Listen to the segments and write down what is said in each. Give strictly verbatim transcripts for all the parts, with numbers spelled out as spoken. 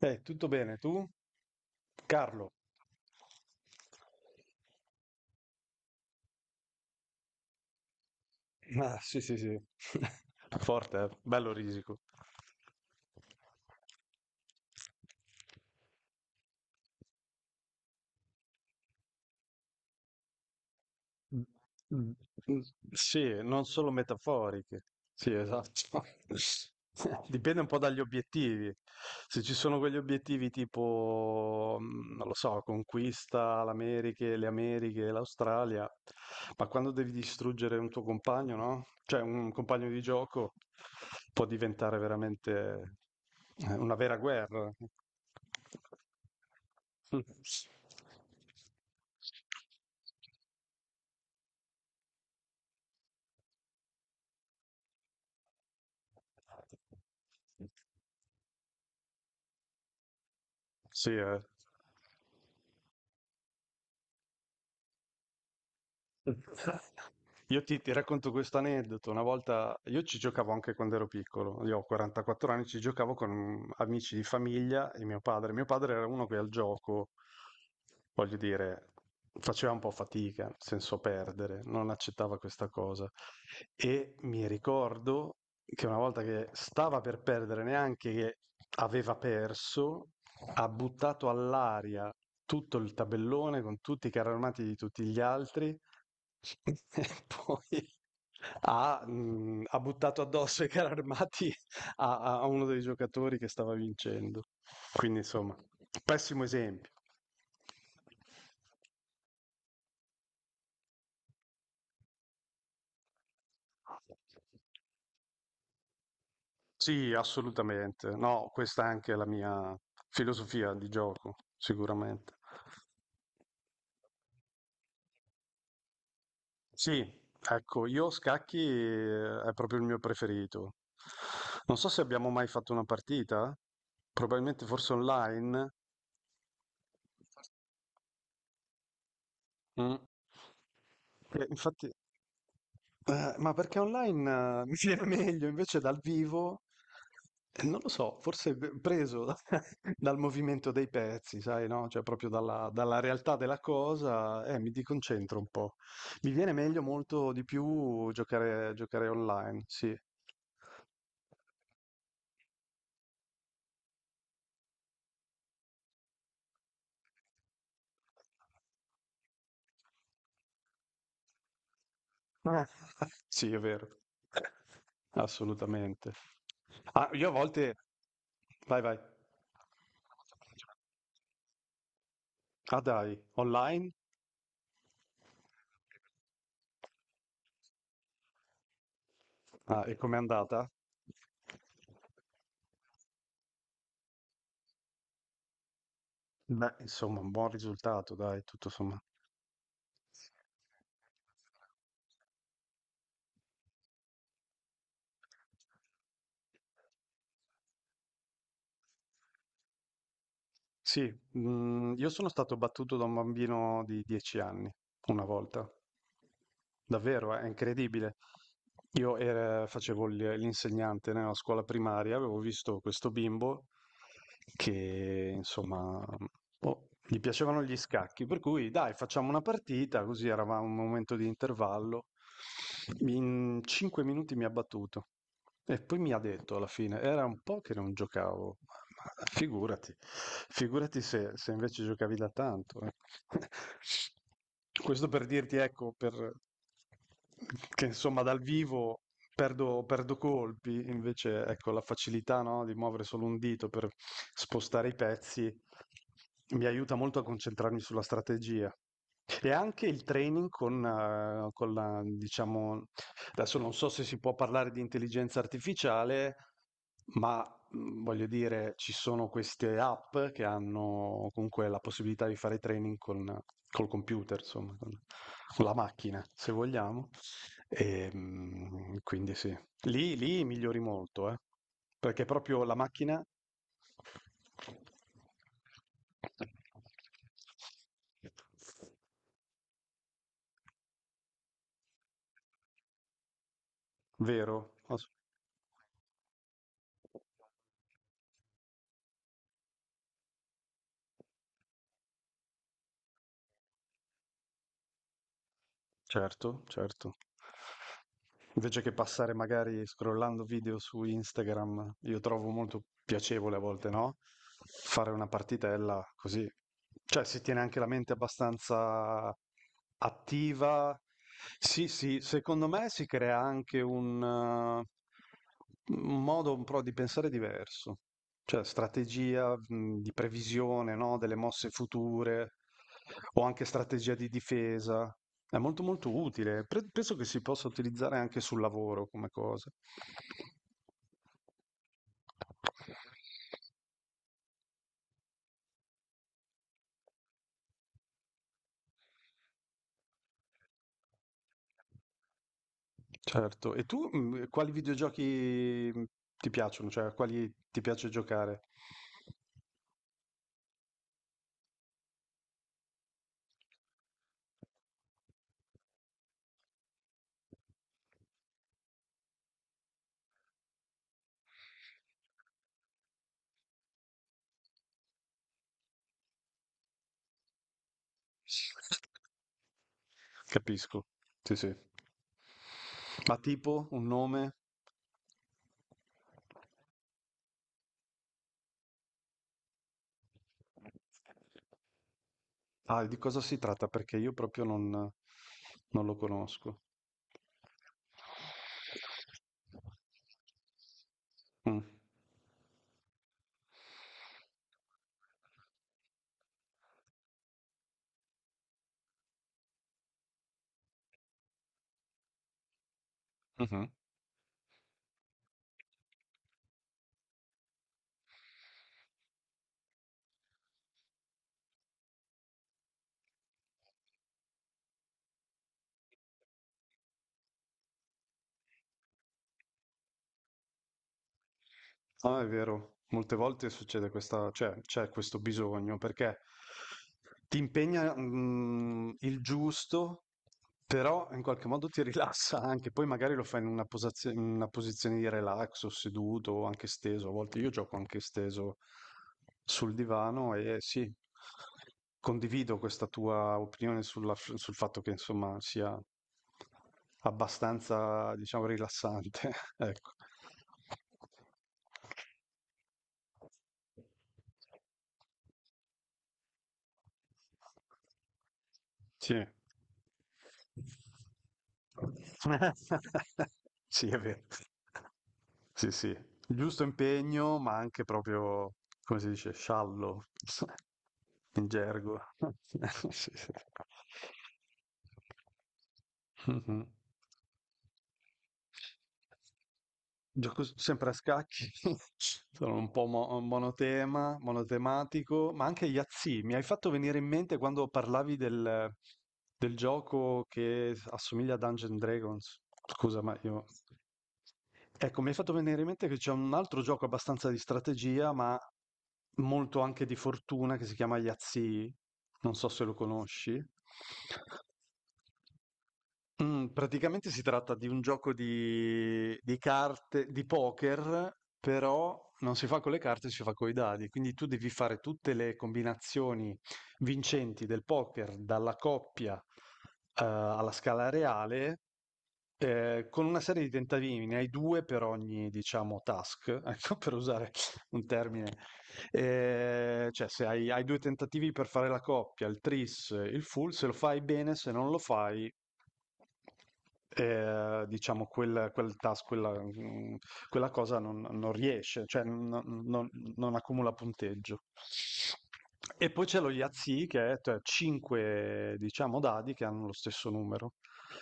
Eh, tutto bene, tu? Carlo. Ah, sì, sì, sì. Forte, eh? Bello Risico. Mm, mm, mm, sì, non solo metaforiche. Sì, esatto. Dipende un po' dagli obiettivi. Se ci sono quegli obiettivi tipo, mm, non lo so, conquista l'America, le Americhe, l'Australia, ma quando devi distruggere un tuo compagno, no? Cioè un compagno di gioco può diventare veramente eh, una vera guerra. Mm. See ya. Io ti, ti racconto questo aneddoto. Una volta io ci giocavo anche quando ero piccolo, io ho quarantaquattro anni, ci giocavo con amici di famiglia e mio padre. Mio padre era uno che al gioco, voglio dire, faceva un po' fatica, nel senso perdere, non accettava questa cosa. E mi ricordo che una volta che stava per perdere, neanche che aveva perso, ha buttato all'aria tutto il tabellone con tutti i carri armati di tutti gli altri. E poi ha mhmm, ha buttato addosso i carri armati a a a uno dei giocatori che stava vincendo. Quindi insomma, pessimo esempio. Sì, assolutamente. No, questa è anche la mia filosofia di gioco, sicuramente. Sì, ecco, io scacchi eh, è proprio il mio preferito. Non so se abbiamo mai fatto una partita. Probabilmente forse online? Mm. Eh, infatti, eh, ma perché online eh, mi viene meglio invece dal vivo? eh, Non lo so, forse v- preso da- dal movimento dei pezzi, sai, no? Cioè proprio dalla, dalla realtà della cosa, eh, mi deconcentro un po'. Mi viene meglio molto di più giocare, giocare online, sì. Eh, sì, è vero. Assolutamente. Ah, io a volte... Vai, vai. Ah, dai, online? Ah, e com'è andata? Beh, insomma, un buon risultato, dai, tutto sommato. Sì, mhmm, io sono stato battuto da un bambino di dieci anni, una volta. Davvero, eh, è incredibile. Io er facevo il l'insegnante nella scuola primaria, avevo visto questo bimbo che insomma, boh, gli piacevano gli scacchi, per cui: "Dai, facciamo una partita", così eravamo a un momento di intervallo. In cinque minuti mi ha battuto. E poi mi ha detto alla fine, era un po' che non giocavo, ma, ma figurati, figurati se, se invece giocavi da tanto. eh. Questo per dirti, ecco, per- che insomma dal vivo perdo, perdo colpi, invece ecco la facilità, no, di muovere solo un dito per spostare i pezzi mi aiuta molto a concentrarmi sulla strategia. E anche il training con, eh, con la, diciamo, adesso non so se si può parlare di intelligenza artificiale, ma mh, voglio dire, ci sono queste app che hanno comunque la possibilità di fare training con, col computer, insomma, con, con la macchina, se vogliamo. E, mh, quindi sì, lì, lì migliori molto, eh, perché proprio la macchina... Vero, ass- certo, certo. Invece che passare magari scrollando video su Instagram, io trovo molto piacevole a volte, no? Fare una partitella così. Cioè si tiene anche la mente abbastanza attiva. Sì, sì, secondo me si crea anche un, eh, un modo un po' di pensare diverso, cioè strategia, mh, di previsione, no? Delle mosse future o anche strategia di difesa. È molto molto utile. Pre- penso che si possa utilizzare anche sul lavoro come cosa. Certo. E tu mh, quali videogiochi mh, ti piacciono? Cioè, a quali ti piace giocare? Capisco. Sì, sì. Ma tipo un nome? Ah, di cosa si tratta? Perché io proprio non, non lo conosco. Mm. Mhm. Ah, è vero, molte volte succede questa, cioè c'è questo bisogno perché ti impegna mm, il giusto, però in qualche modo ti rilassa anche, poi magari lo fai in una, posazio- in una posizione di relax o seduto o anche steso, a volte io gioco anche steso sul divano e sì, condivido questa tua opinione sulla- sul fatto che insomma sia abbastanza, diciamo, rilassante, ecco. Sì. Sì, è vero. Sì, sì. Il giusto impegno, ma anche proprio, come si dice, sciallo, in gergo. Sì, sì. Mhm. Gioco s sempre a scacchi, sono un po' mo monotema monotematico, ma anche Yahtzee. Mi hai fatto venire in mente quando parlavi del, del gioco che assomiglia a Dungeons and Dragons. Scusa, ma io... Ecco, mi hai fatto venire in mente che c'è un altro gioco abbastanza di strategia, ma molto anche di fortuna, che si chiama Yahtzee. Non so se lo conosci. Mm, praticamente si tratta di un gioco di, di carte, di poker, però non si fa con le carte, si fa con i dadi. Quindi tu devi fare tutte le combinazioni vincenti del poker, dalla coppia, eh, alla scala reale, eh, con una serie di tentativi. Ne hai due per ogni, diciamo, task, ecco, per usare un termine. Eh, cioè, se hai, hai due tentativi per fare la coppia, il tris, il full, se lo fai bene, se non lo fai, eh, diciamo, quel, quel task, quella, mm, quella cosa non, non riesce, cioè non, non- non accumula punteggio. E poi c'è lo Yahtzee, che è cinque, diciamo, dadi che hanno lo stesso numero,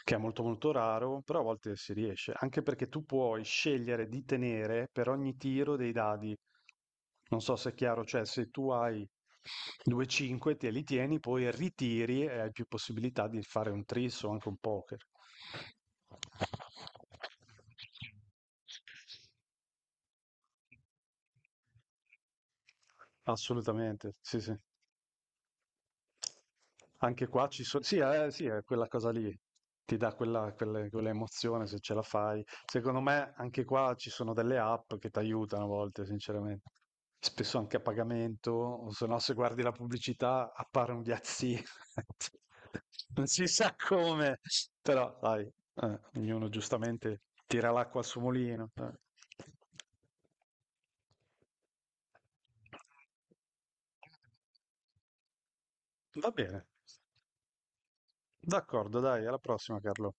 che è molto molto raro, però a volte si riesce, anche perché tu puoi scegliere di tenere per ogni tiro dei dadi non so se è chiaro, cioè se tu hai due cinque te li tieni, poi ritiri e hai più possibilità di fare un tris o anche un poker. Assolutamente, sì, sì. Anche qua ci sono, sì, eh, sì, è quella cosa lì, ti dà quella, quelle- quella emozione se ce la fai. Secondo me anche qua ci sono delle app che ti aiutano a volte, sinceramente. Spesso anche a pagamento, o se no se guardi la pubblicità appare un diazzino. Non si sa come, però dai, eh, ognuno giustamente tira l'acqua al suo mulino. eh. Va bene. D'accordo, dai, alla prossima, Carlo.